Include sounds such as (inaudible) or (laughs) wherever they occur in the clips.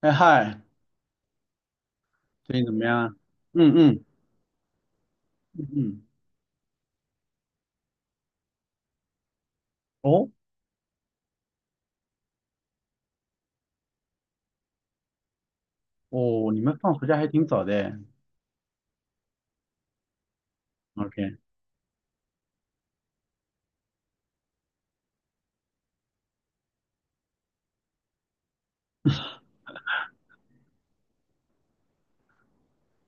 哎嗨，最近怎么样啊？嗯嗯嗯嗯。哦哦，你们放暑假还挺早的。 OK。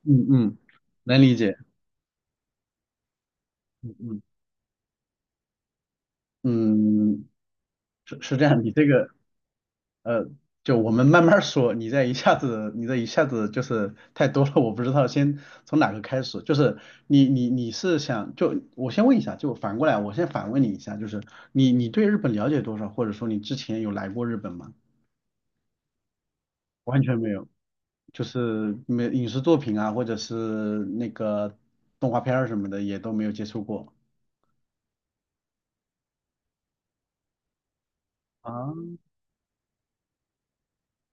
嗯嗯，能理解。嗯嗯嗯，是是这样，你这个呃，就我们慢慢说，你这一下子就是太多了，我不知道先从哪个开始。就是你是想就我先问一下，就反过来我先反问你一下，就是你对日本了解多少，或者说你之前有来过日本吗？完全没有。就是没影视作品啊，或者是那个动画片儿什么的，也都没有接触过啊。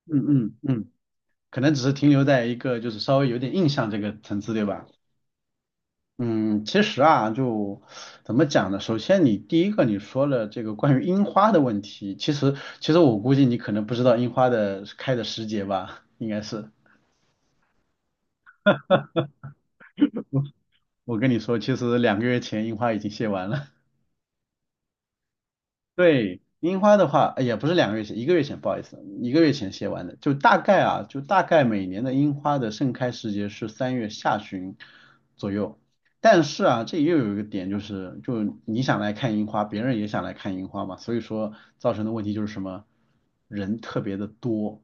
嗯嗯嗯，可能只是停留在一个就是稍微有点印象这个层次，对吧？嗯，其实啊，就怎么讲呢？首先你第一个你说了这个关于樱花的问题，其实我估计你可能不知道樱花的开的时节吧，应该是。我跟你说，其实两个月前樱花已经谢完了。对，樱花的话，也不是两个月前，一个月前，不好意思，一个月前写完的。就大概每年的樱花的盛开时节是3月下旬左右。但是啊，这又有一个点就是，就你想来看樱花，别人也想来看樱花嘛，所以说造成的问题就是什么，人特别的多。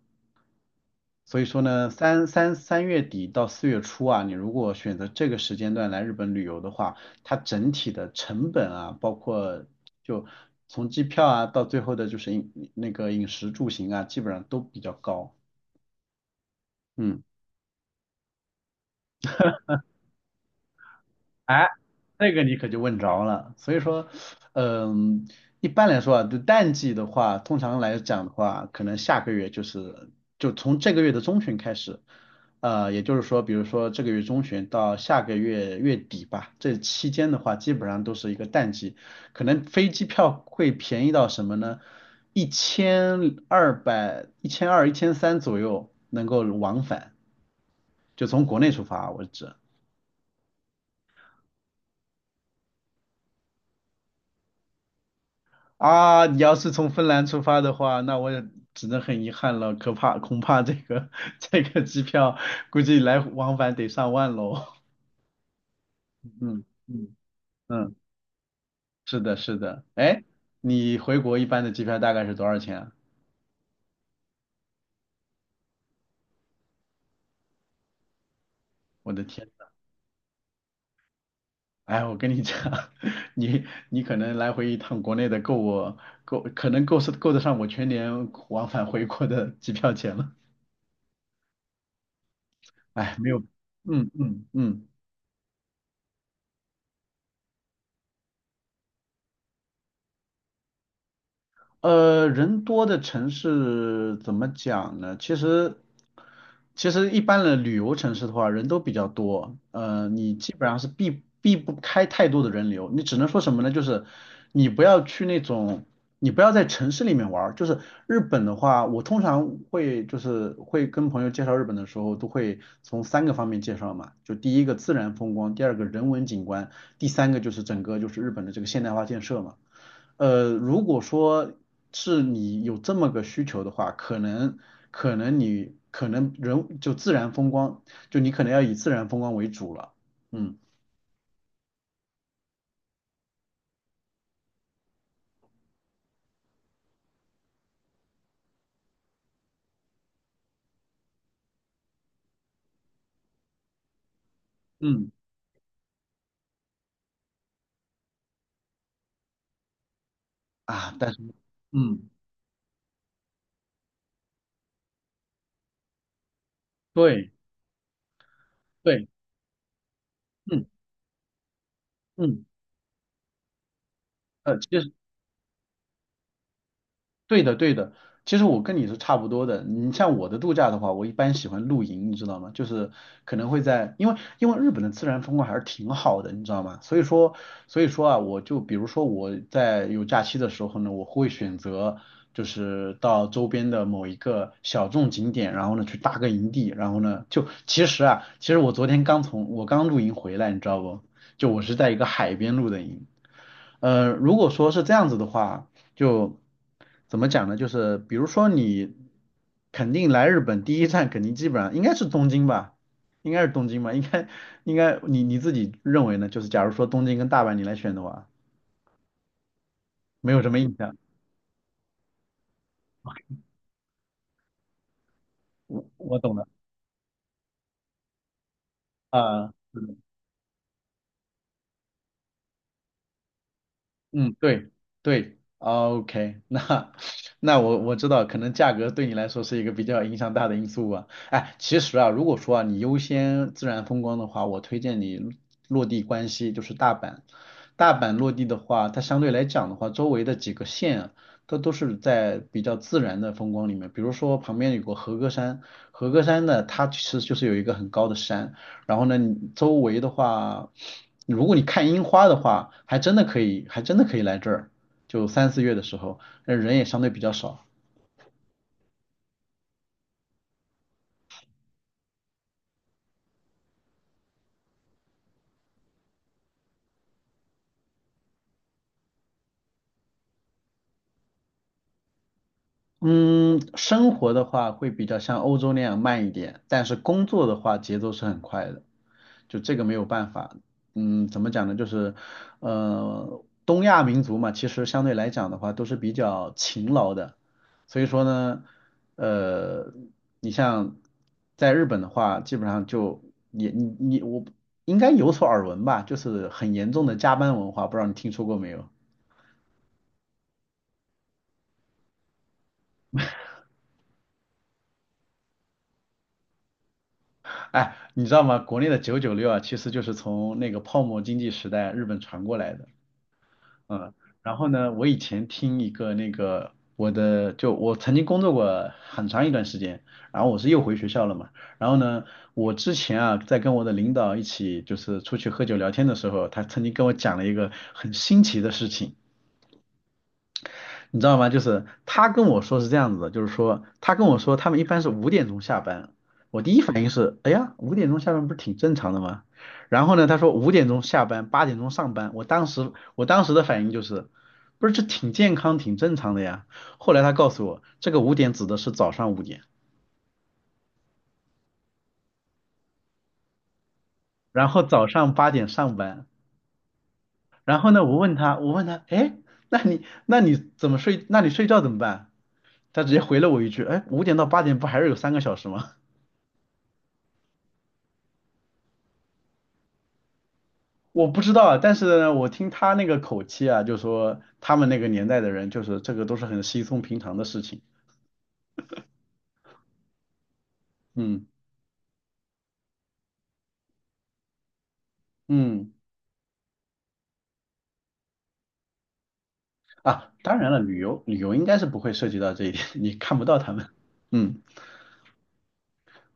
所以说呢，三月底到4月初啊，你如果选择这个时间段来日本旅游的话，它整体的成本啊，包括就从机票啊到最后的就是饮那个饮食住行啊，基本上都比较高。嗯。哎，这个你可就问着了。所以说，嗯，一般来说啊，就淡季的话，通常来讲的话，可能下个月就从这个月的中旬开始，也就是说，比如说这个月中旬到下个月月底吧，这期间的话，基本上都是一个淡季，可能飞机票会便宜到什么呢？1200、一千二、1300左右能够往返，就从国内出发为止。啊，你要是从芬兰出发的话，那我也只能很遗憾了，可怕，恐怕这个 (laughs) 这个机票估计来往返得上万喽。(laughs) 嗯嗯嗯，是的，是的。哎，你回国一般的机票大概是多少钱啊？我的天，哎，我跟你讲，(laughs) 你可能来回一趟国内的够我够，可能够是够得上我全年往返回国的机票钱了。哎，没有，嗯嗯嗯。人多的城市怎么讲呢？其实一般的旅游城市的话，人都比较多，你基本上是避不开太多的人流。你只能说什么呢？就是你不要去那种，你不要在城市里面玩儿。就是日本的话，我通常会就是会跟朋友介绍日本的时候，都会从三个方面介绍嘛。就第一个自然风光，第二个人文景观，第三个就是整个就是日本的这个现代化建设嘛。如果说是你有这么个需求的话，可能你可能人就自然风光，就你可能要以自然风光为主了。嗯嗯啊，但是嗯，对对，嗯嗯，其实。对的，对的。其实我跟你是差不多的。你像我的度假的话，我一般喜欢露营，你知道吗？就是可能会在，因为日本的自然风光还是挺好的，你知道吗？所以说啊，我就比如说我在有假期的时候呢，我会选择就是到周边的某一个小众景点，然后呢去搭个营地，然后呢就其实我昨天刚从我刚露营回来，你知道不？就我是在一个海边露的营。如果说是这样子的话。就怎么讲呢？就是比如说你肯定来日本第一站，肯定基本上应该是东京吧。应该应该你你自己认为呢？就是假如说东京跟大阪你来选的话，没有什么印象，我懂的啊，是的嗯，对对哦，OK，那 (laughs) 那我知道，可能价格对你来说是一个比较影响大的因素吧。哎，其实啊，如果说啊你优先自然风光的话，我推荐你落地关西，就是大阪。大阪落地的话，它相对来讲的话，周围的几个县啊，它都是在比较自然的风光里面。比如说旁边有个和歌山，和歌山呢，它其实就是有一个很高的山。然后呢，你周围的话，如果你看樱花的话，还真的可以来这儿，就3、4月的时候，那人也相对比较少。嗯，生活的话会比较像欧洲那样慢一点，但是工作的话节奏是很快的，就这个没有办法。嗯，怎么讲呢？就是，东亚民族嘛，其实相对来讲的话都是比较勤劳的，所以说呢，呃，你像在日本的话，基本上就你你你我应该有所耳闻吧，就是很严重的加班文化，不知道你听说过没有？哎，你知道吗？国内的996啊，其实就是从那个泡沫经济时代日本传过来的。嗯，然后呢，我以前听一个那个我的，就我曾经工作过很长一段时间，然后我是又回学校了嘛。然后呢，我之前啊，在跟我的领导一起就是出去喝酒聊天的时候，他曾经跟我讲了一个很新奇的事情。你知道吗？就是他跟我说是这样子的，就是说他跟我说他们一般是五点钟下班，我第一反应是，哎呀，五点钟下班不是挺正常的吗？然后呢，他说五点钟下班，8点钟上班，我当时的反应就是，不是这挺健康挺正常的呀。后来他告诉我，这个五点指的是早上5点，然后早上8点上班。然后呢，我问他，哎，那你怎么睡？那你睡觉怎么办？他直接回了我一句，哎，5点到8点不还是有3个小时吗？我不知道啊，但是呢，我听他那个口气啊，就说他们那个年代的人，就是这个都是很稀松平常的事情。嗯嗯啊，当然了，旅游应该是不会涉及到这一点，(laughs) 你看不到他们。嗯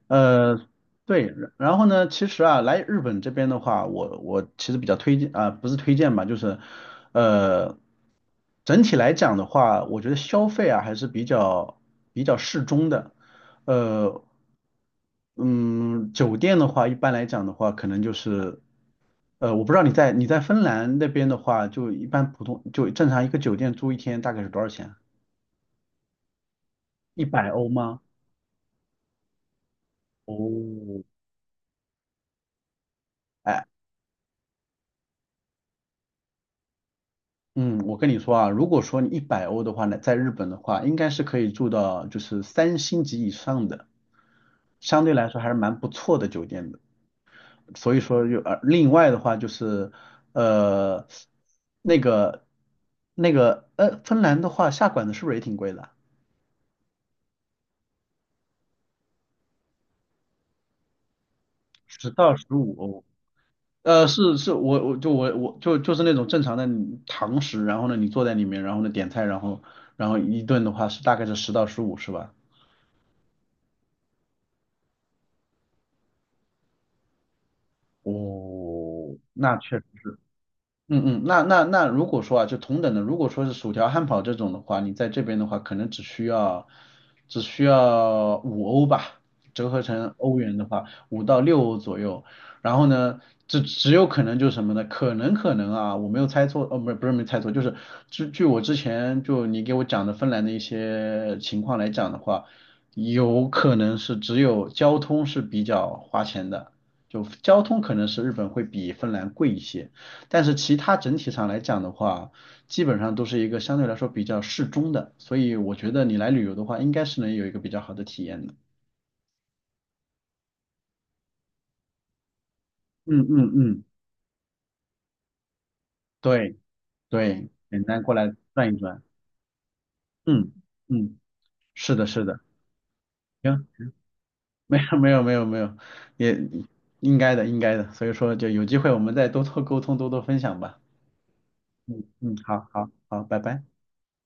呃，对，然后呢，其实啊，来日本这边的话，我其实比较推荐啊，不是推荐吧，就是呃，整体来讲的话，我觉得消费啊还是比较适中的。呃，嗯，酒店的话，一般来讲的话，可能就是，我不知道你在芬兰那边的话，就一般普通就正常一个酒店住一天大概是多少钱啊？一百欧吗？哦，哎，嗯，我跟你说啊，如果说你一百欧的话呢，在日本的话，应该是可以住到就是三星级以上的，相对来说还是蛮不错的酒店的。所以说就另外的话就是，呃，那个芬兰的话下馆子是不是也挺贵的啊？10到15欧，是是，我就是那种正常的堂食，然后呢，你坐在里面，然后呢点菜，然后一顿的话是大概是十到十五，是吧？哦，那确嗯嗯，那如果说啊，就同等的，如果说是薯条、汉堡这种的话，你在这边的话，可能只需要五欧吧，折合成欧元的话，5到6欧左右。然后呢，这只有可能就是什么呢？可能啊，我没有猜错，哦，不是没猜错，就是据我之前就你给我讲的芬兰的一些情况来讲的话，有可能是只有交通是比较花钱的，就交通可能是日本会比芬兰贵一些。但是其他整体上来讲的话，基本上都是一个相对来说比较适中的，所以我觉得你来旅游的话，应该是能有一个比较好的体验的。嗯嗯嗯，对对，简单过来转一转。嗯嗯，是的，是的，行，没有没有没有没有，也应该的应该的，所以说就有机会我们再多多沟通，多多分享吧。嗯嗯，好好好，拜拜。